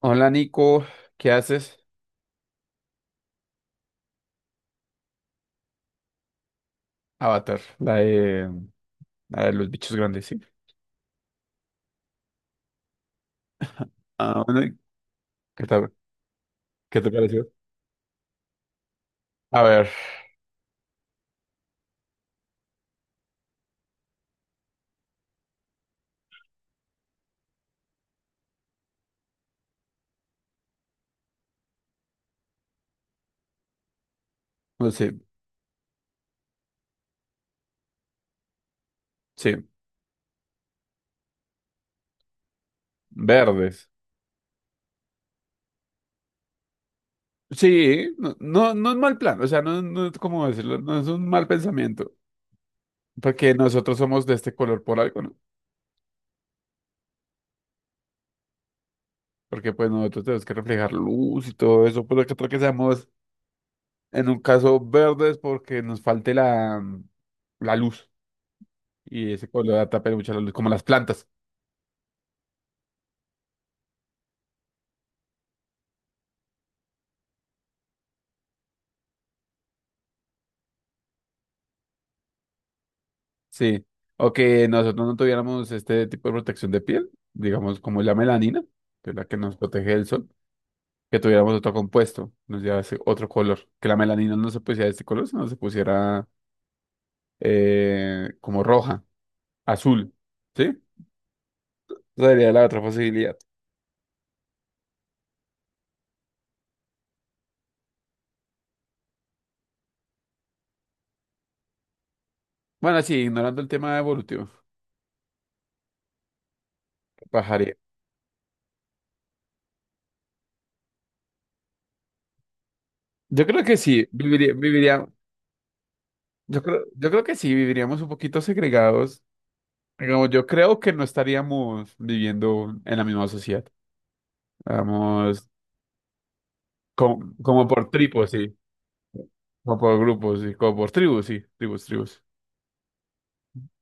Hola Nico, ¿qué haces? Avatar, la de los bichos grandes, sí. Ah, bueno, ¿y ¿qué tal? ¿Qué te pareció? A ver, no sé, sí, verdes. Sí, no, no, no es mal plan, o sea, no, no es como decirlo, no es un mal pensamiento, porque nosotros somos de este color por algo, ¿no? Porque pues nosotros tenemos que reflejar luz y todo eso, pero que tal que seamos en un caso verdes porque nos falte la, la luz y ese color atrapa mucho la luz, como las plantas. Sí, o que nosotros no tuviéramos este tipo de protección de piel, digamos como la melanina, que es la que nos protege del sol, que tuviéramos otro compuesto, nos llevase otro color, que la melanina no se pusiera de este color, sino se pusiera como roja, azul, ¿sí? Esa sería la otra posibilidad. Bueno, sí, ignorando el tema evolutivo, ¿qué pajaría? Yo creo que sí, yo creo que sí, viviríamos un poquito segregados. Digamos, yo creo que no estaríamos viviendo en la misma sociedad. Vamos, como, como por tribus, sí. Como por grupos, sí. Como por tribus, sí. Tribus, tribus.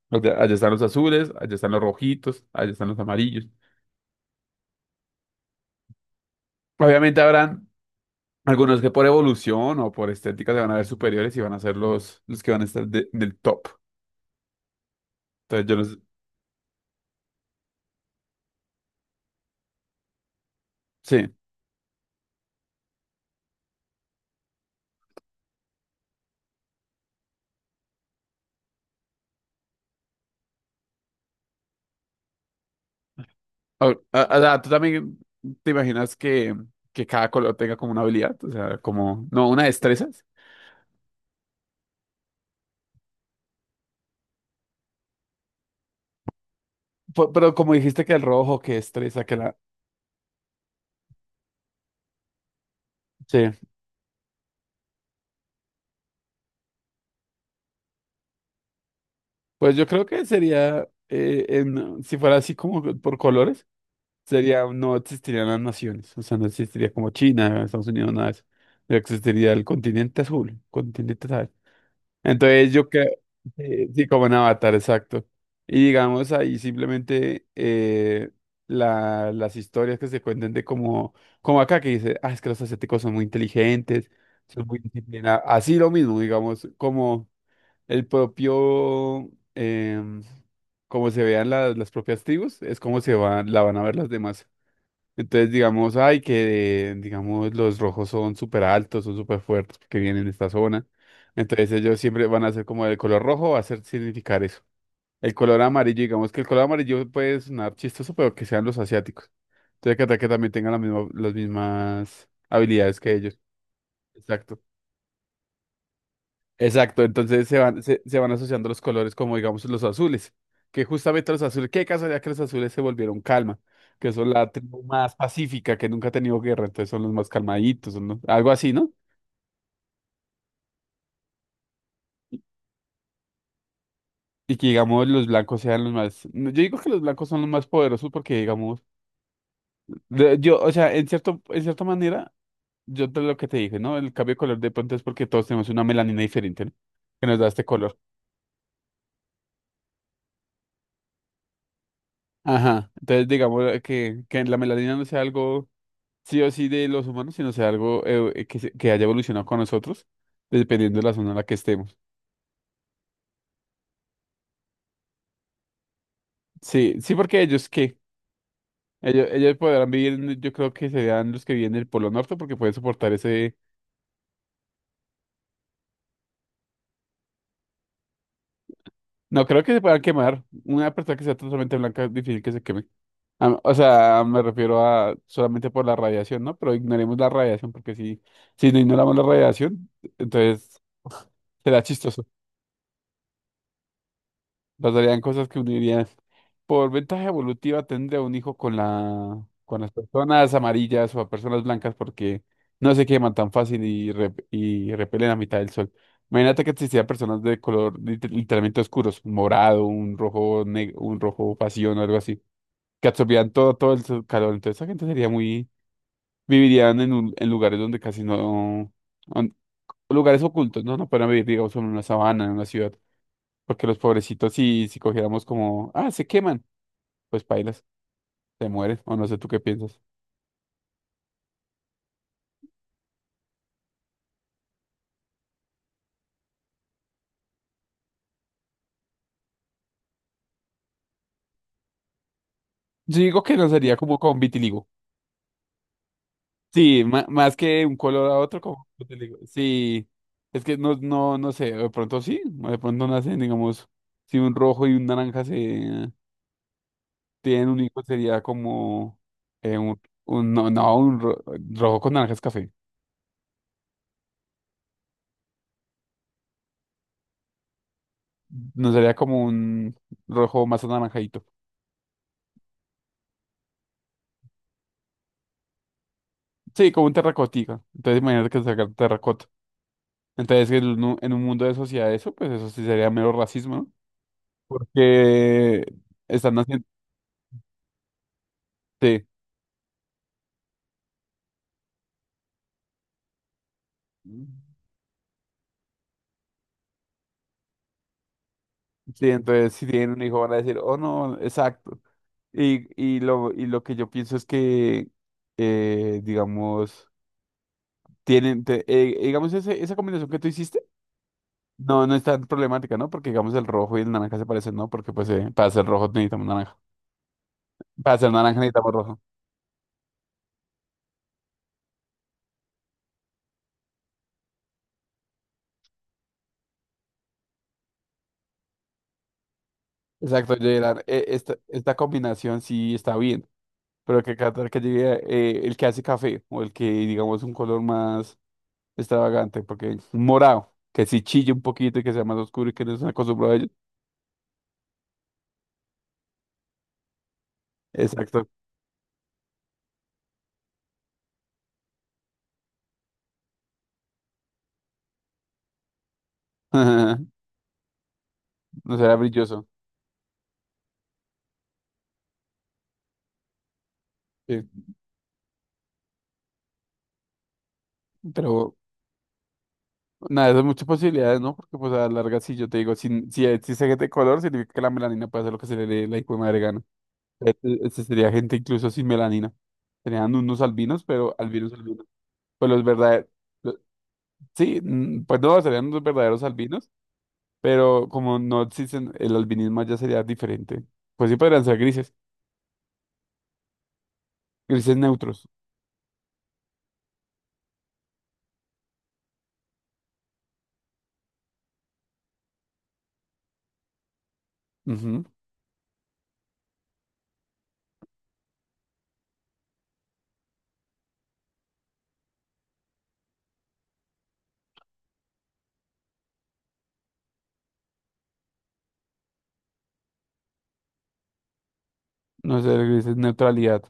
O sea, allá están los azules, allá están los rojitos, allá están los amarillos. Obviamente habrán algunos que por evolución o por estética se van a ver superiores y van a ser los que van a estar en el top. Entonces yo no sé. Sí. O, o sea, tú también te imaginas que cada color tenga como una habilidad, o sea, como, no, una destreza. Pero como dijiste que el rojo, que destreza, que la... Sí. Pues yo creo que sería, si fuera así como por colores, sería, no existirían las naciones, o sea, no existiría como China, Estados Unidos, nada de eso. No existiría el continente azul, continente tal. Entonces yo creo, sí, sí, como en Avatar, exacto. Y digamos ahí simplemente las historias que se cuentan de como, como acá que dice, ah, es que los asiáticos son muy inteligentes, son muy disciplinados, así lo mismo, digamos, como... El propio, como se vean las propias tribus, es como se van, la van a ver las demás. Entonces, digamos, ay, que digamos los rojos son súper altos, son súper fuertes que vienen de esta zona. Entonces ellos siempre van a ser como el color rojo, va a ser significar eso. El color amarillo, digamos que el color amarillo puede sonar chistoso, pero que sean los asiáticos. Entonces, que también tengan las mismas habilidades que ellos. Exacto. Exacto, entonces se van, se van asociando los colores como digamos los azules, que justamente los azules, qué casualidad que los azules se volvieron calma, que son la tribu más pacífica, que nunca ha tenido guerra, entonces son los más calmaditos, son los- algo así, ¿no? Y que digamos los blancos sean los más, no, yo digo que los blancos son los más poderosos porque digamos, yo, o sea, en cierta manera, yo te lo que te dije, ¿no? El cambio de color de pronto es porque todos tenemos una melanina diferente, ¿no? Que nos da este color. Ajá, entonces digamos que la melanina no sea algo sí o sí de los humanos, sino sea algo que haya evolucionado con nosotros, dependiendo de la zona en la que estemos. Sí, sí, porque ellos qué, ellos podrán vivir, yo creo que serían los que viven en el Polo Norte porque pueden soportar ese... No, creo que se puedan quemar. Una persona que sea totalmente blanca es difícil que se queme. Ah, o sea, me refiero a solamente por la radiación, ¿no? Pero ignoremos la radiación porque si, si no ignoramos la radiación, entonces será chistoso. Pasarían cosas que unirían. Por ventaja evolutiva tendría un hijo con la, con las personas amarillas o a personas blancas porque no se queman tan fácil y, y repelen a mitad del sol. Imagínate que existieran personas de color literalmente oscuros, un morado, un rojo, un rojo pasión o algo así, que absorbían todo, todo el calor. Entonces esa gente sería muy, vivirían en, en lugares donde casi no, on- lugares ocultos, no, no podrían vivir, digamos, en una sabana, en una ciudad. Porque los pobrecitos, si, si cogiéramos como, ah, se queman, pues pailas, se mueren, o no sé tú qué piensas. Yo digo que no sería como con vitiligo. Sí, más que un color a otro, como vitiligo. Sí, es que no, no, no sé, de pronto sí, o de pronto nacen, digamos, si un rojo y un naranja se tienen un hijo, sería como eh, un, un- no, no, un ro- rojo con naranja es café. No sería como un rojo más anaranjadito. Sí, como un terracotita. Entonces imagínate que sacar terracota. Entonces, en un mundo de sociedad eso, pues eso sí sería mero racismo, ¿no? Porque están haciendo... Sí, sí, entonces si tienen un hijo van a decir, oh no, exacto. Y lo que yo pienso es que, digamos, digamos, esa combinación que tú hiciste, no, no es tan problemática, ¿no? Porque, digamos, el rojo y el naranja se parecen, ¿no? Porque, pues, para ser rojo necesitamos naranja. Para ser naranja necesitamos rojo. Exacto, Gerard, esta combinación sí está bien. Pero que Qatar que llegue el que hace café o el que digamos un color más extravagante, porque un morado, que si chille un poquito y que sea más oscuro y que no estén acostumbrados a ello. Exacto. No será brilloso. Sí. Pero nada, eso es muchas posibilidades, ¿no? Porque pues a la larga sí, yo te digo, si, si existe gente de color, significa que la melanina puede hacer lo que se le dé la hijo de madre gana. Este sería gente incluso sin melanina. Serían unos albinos, pero albinos albinos. Pues los verdaderos, sí, mm, pues no, serían unos verdaderos albinos. Pero como no existen, el albinismo ya sería diferente. Pues sí podrían ser grises, grises neutros. Ujú, no sé, grises neutralidad.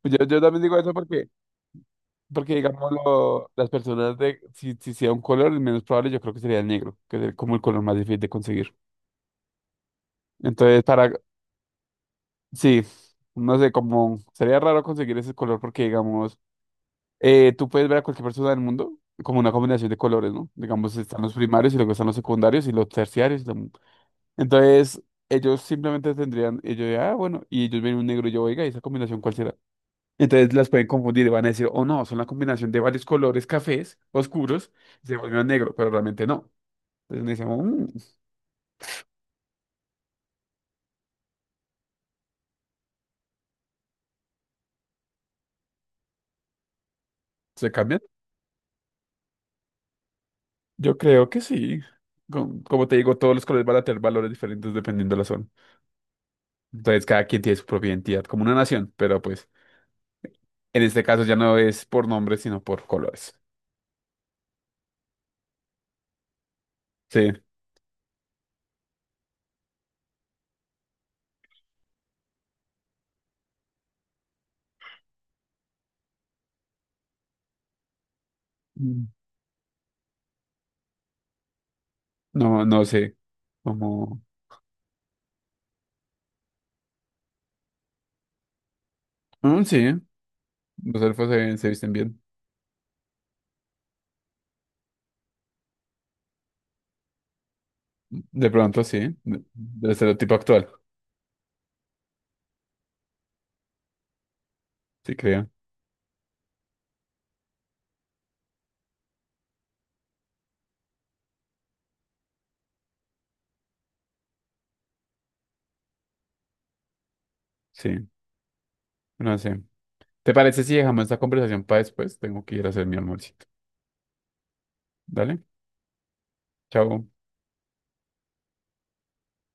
Pues yo también digo eso porque, porque digamos, las personas de, si, si sea un color, el menos probable yo creo que sería el negro, que es como el color más difícil de conseguir. Entonces, para, sí, no sé, como sería raro conseguir ese color porque, digamos, tú puedes ver a cualquier persona del mundo como una combinación de colores, ¿no? Digamos, están los primarios y luego están los secundarios y los terciarios. Entonces, ellos simplemente tendrían, ah, bueno, y ellos ven un negro y yo, oiga, ¿y esa combinación cuál será? Entonces las pueden confundir y van a decir, oh no, son la combinación de varios colores cafés oscuros, y se volvió negro, pero realmente no. Entonces decimos, ¿se cambian? Yo creo que sí. Como te digo, todos los colores van a tener valores diferentes dependiendo de la zona. Entonces cada quien tiene su propia identidad, como una nación, pero pues en este caso ya no es por nombres, sino por colores. Sí. Mm. No, no sé, como... Mm, sí. Los elfos se visten bien. De pronto sí, del estereotipo actual, sí creo. Sí, no sé. ¿Te parece si dejamos esta conversación para después? Tengo que ir a hacer mi almuercito. Dale, chao.